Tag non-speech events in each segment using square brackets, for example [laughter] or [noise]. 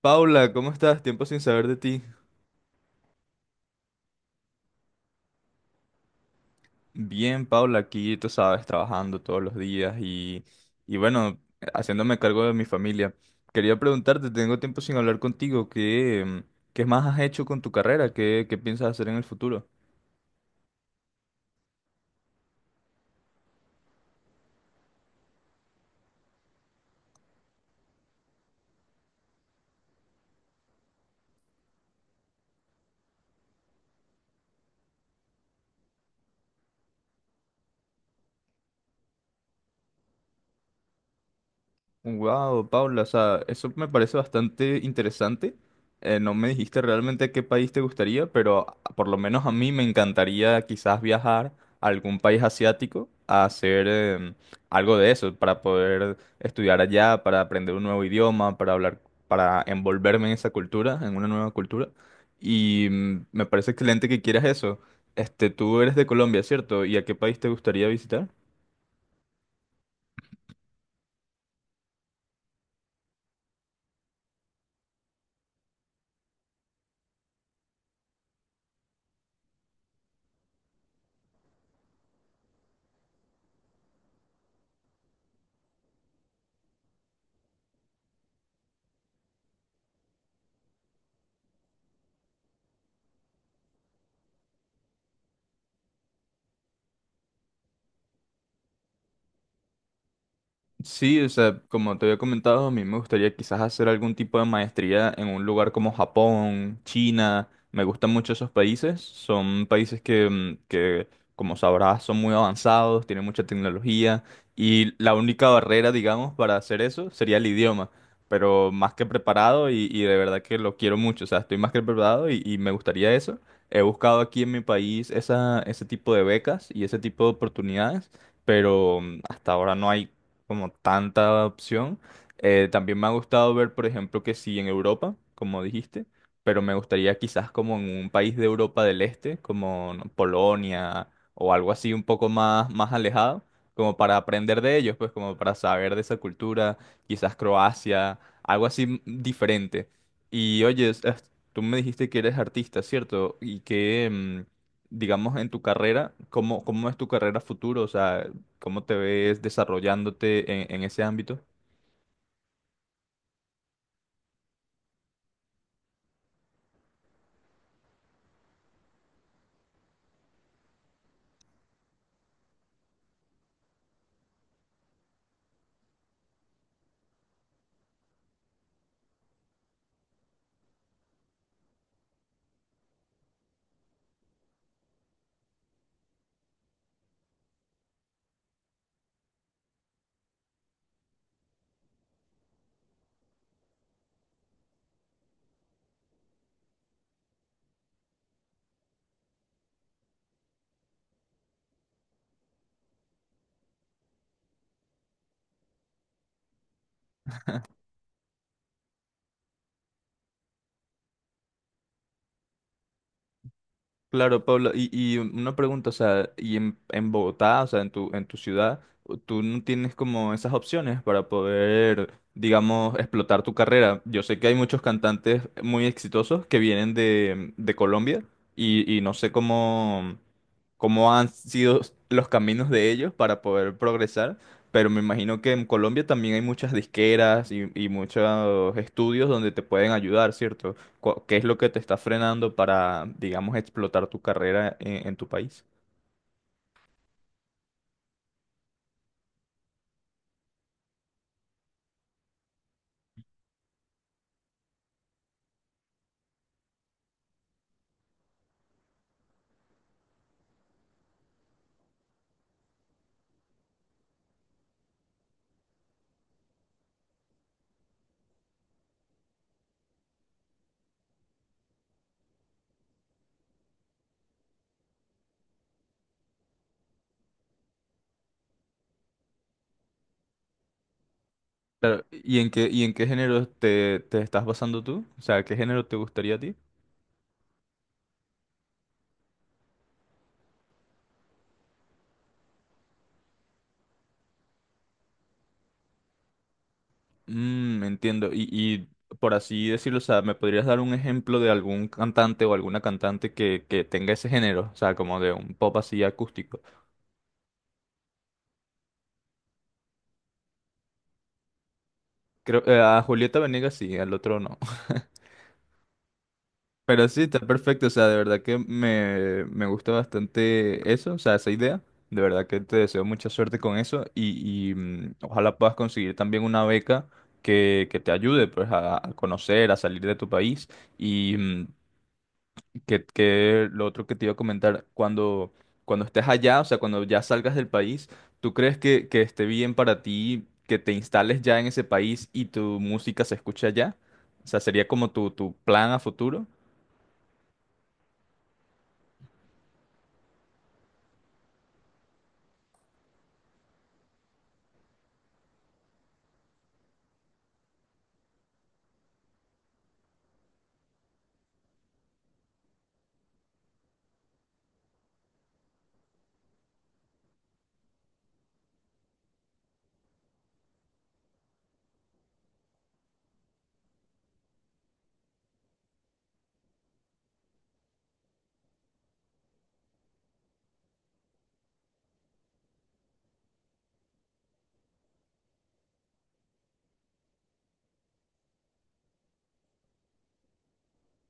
Paula, ¿cómo estás? Tiempo sin saber de ti. Bien, Paula, aquí tú sabes, trabajando todos los días y bueno, haciéndome cargo de mi familia. Quería preguntarte, tengo tiempo sin hablar contigo, ¿qué más has hecho con tu carrera? ¿Qué piensas hacer en el futuro? Wow, Paula, o sea, eso me parece bastante interesante. No me dijiste realmente qué país te gustaría, pero por lo menos a mí me encantaría quizás viajar a algún país asiático a hacer algo de eso, para poder estudiar allá, para aprender un nuevo idioma, para hablar, para envolverme en esa cultura, en una nueva cultura. Y me parece excelente que quieras eso. Este, tú eres de Colombia, ¿cierto? ¿Y a qué país te gustaría visitar? Sí, o sea, como te había comentado, a mí me gustaría quizás hacer algún tipo de maestría en un lugar como Japón, China. Me gustan mucho esos países. Son países que, como sabrás, son muy avanzados, tienen mucha tecnología y la única barrera, digamos, para hacer eso sería el idioma. Pero más que preparado y de verdad que lo quiero mucho. O sea, estoy más que preparado y me gustaría eso. He buscado aquí en mi país ese tipo de becas y ese tipo de oportunidades, pero hasta ahora no hay como tanta opción. También me ha gustado ver, por ejemplo, que sí en Europa, como dijiste, pero me gustaría quizás como en un país de Europa del Este, como no, Polonia o algo así un poco más alejado, como para aprender de ellos, pues como para saber de esa cultura, quizás Croacia, algo así diferente. Y oye, tú me dijiste que eres artista, ¿cierto? Y digamos, en tu carrera, ¿cómo es tu carrera futuro? O sea, ¿cómo te ves desarrollándote en ese ámbito? Claro, Pablo, y una pregunta, o sea, y en Bogotá, o sea, en en tu ciudad, tú no tienes como esas opciones para poder, digamos, explotar tu carrera. Yo sé que hay muchos cantantes muy exitosos que vienen de Colombia y no sé cómo. Cómo han sido los caminos de ellos para poder progresar, pero me imagino que en Colombia también hay muchas disqueras y muchos estudios donde te pueden ayudar, ¿cierto? ¿Qué es lo que te está frenando para, digamos, explotar tu carrera en tu país? Claro, ¿y en y en qué género te estás basando tú? O sea, ¿qué género te gustaría a ti? Mm, entiendo. Y por así decirlo, o sea, ¿me podrías dar un ejemplo de algún cantante o alguna cantante que tenga ese género? O sea, como de un pop así acústico. Creo, a Julieta Venegas sí, al otro no. [laughs] Pero sí, está perfecto. O sea, de verdad que me gusta bastante eso, o sea, esa idea. De verdad que te deseo mucha suerte con eso y ojalá puedas conseguir también una beca que te ayude pues a conocer, a salir de tu país. Y que lo otro que te iba a comentar, cuando, cuando estés allá, o sea, cuando ya salgas del país, ¿tú crees que esté bien para ti que te instales ya en ese país y tu música se escuche allá? O sea, ¿sería como tu plan a futuro?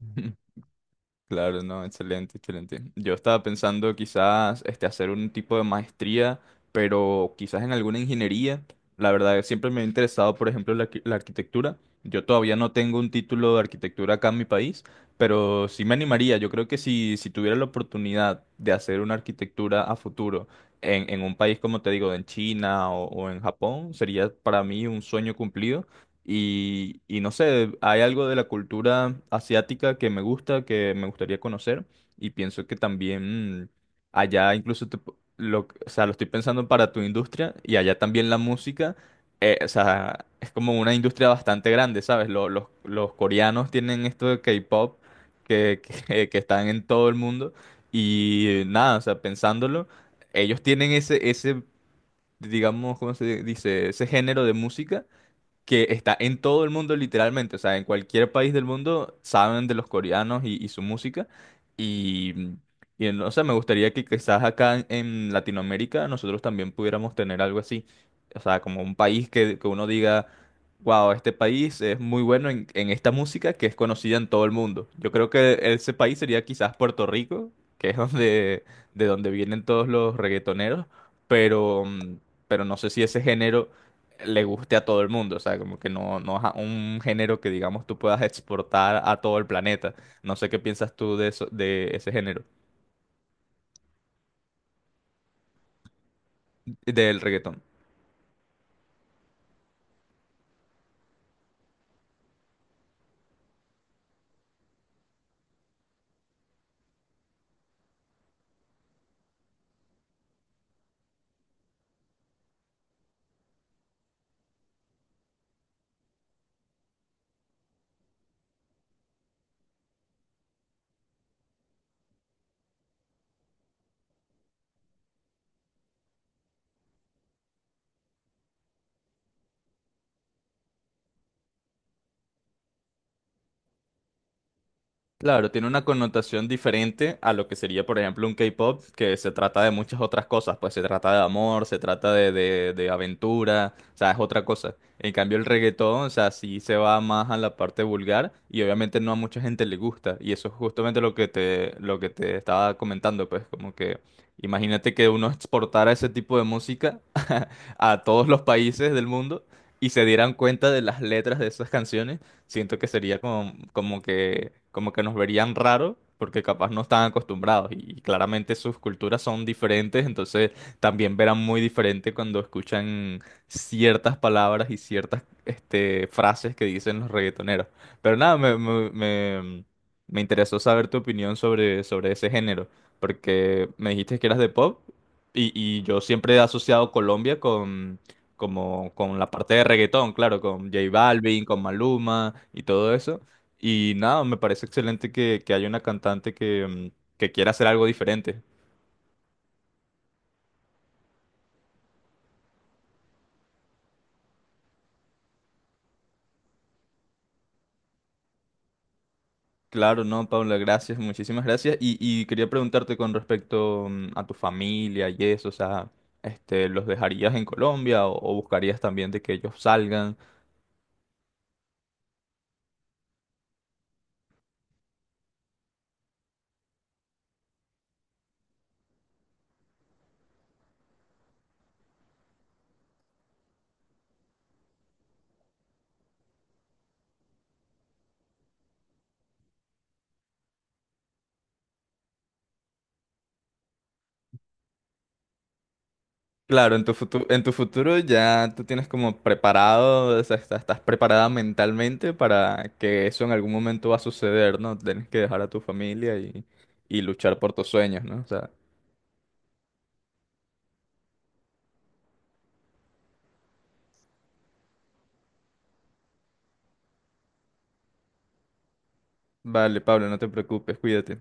[laughs] Claro, no, excelente, excelente. Yo estaba pensando quizás este, hacer un tipo de maestría, pero quizás en alguna ingeniería. La verdad, siempre me ha interesado, por ejemplo, la arquitectura. Yo todavía no tengo un título de arquitectura acá en mi país, pero sí me animaría. Yo creo que si tuviera la oportunidad de hacer una arquitectura a futuro en un país, como te digo, en China o en Japón, sería para mí un sueño cumplido. Y no sé, hay algo de la cultura asiática que me gusta, que me gustaría conocer. Y pienso que también allá incluso o sea, lo estoy pensando para tu industria y allá también la música. O sea, es como una industria bastante grande, ¿sabes? Los coreanos tienen esto de K-pop que, [laughs] que están en todo el mundo. Y nada, o sea, pensándolo, ellos tienen ese, digamos, ¿cómo se dice? Ese género de música que está en todo el mundo literalmente, o sea, en cualquier país del mundo saben de los coreanos y su música y, y no sé, me gustaría que quizás acá en Latinoamérica nosotros también pudiéramos tener algo así, o sea, como un país que uno diga, wow, este país es muy bueno en esta música que es conocida en todo el mundo. Yo creo que ese país sería quizás Puerto Rico, que es donde, de donde vienen todos los reggaetoneros, pero, pero no sé si ese género le guste a todo el mundo, o sea, como que no, un género que digamos tú puedas exportar a todo el planeta. No sé qué piensas tú de eso, de ese género, del reggaetón. Claro, tiene una connotación diferente a lo que sería, por ejemplo, un K-pop, que se trata de muchas otras cosas, pues se trata de amor, se trata de aventura, o sea, es otra cosa. En cambio, el reggaetón, o sea, sí se va más a la parte vulgar y obviamente no a mucha gente le gusta. Y eso es justamente lo que te estaba comentando, pues como que imagínate que uno exportara ese tipo de música [laughs] a todos los países del mundo y se dieran cuenta de las letras de esas canciones. Siento que sería como, como que nos verían raro porque capaz no están acostumbrados y claramente sus culturas son diferentes, entonces también verán muy diferente cuando escuchan ciertas palabras y ciertas este, frases que dicen los reggaetoneros. Pero nada, me interesó saber tu opinión sobre ese género, porque me dijiste que eras de pop y yo siempre he asociado Colombia como con la parte de reggaetón, claro, con J Balvin, con Maluma y todo eso. Y nada, me parece excelente que haya una cantante que quiera hacer algo diferente. Claro, no, Paula, gracias, muchísimas gracias. Y quería preguntarte con respecto a tu familia y eso, o sea, este, ¿los dejarías en Colombia o buscarías también de que ellos salgan? Claro, en tu futuro ya tú tienes como preparado, o sea, estás preparada mentalmente para que eso en algún momento va a suceder, ¿no? Tienes que dejar a tu familia y luchar por tus sueños, ¿no? O sea, vale, Pablo, no te preocupes, cuídate.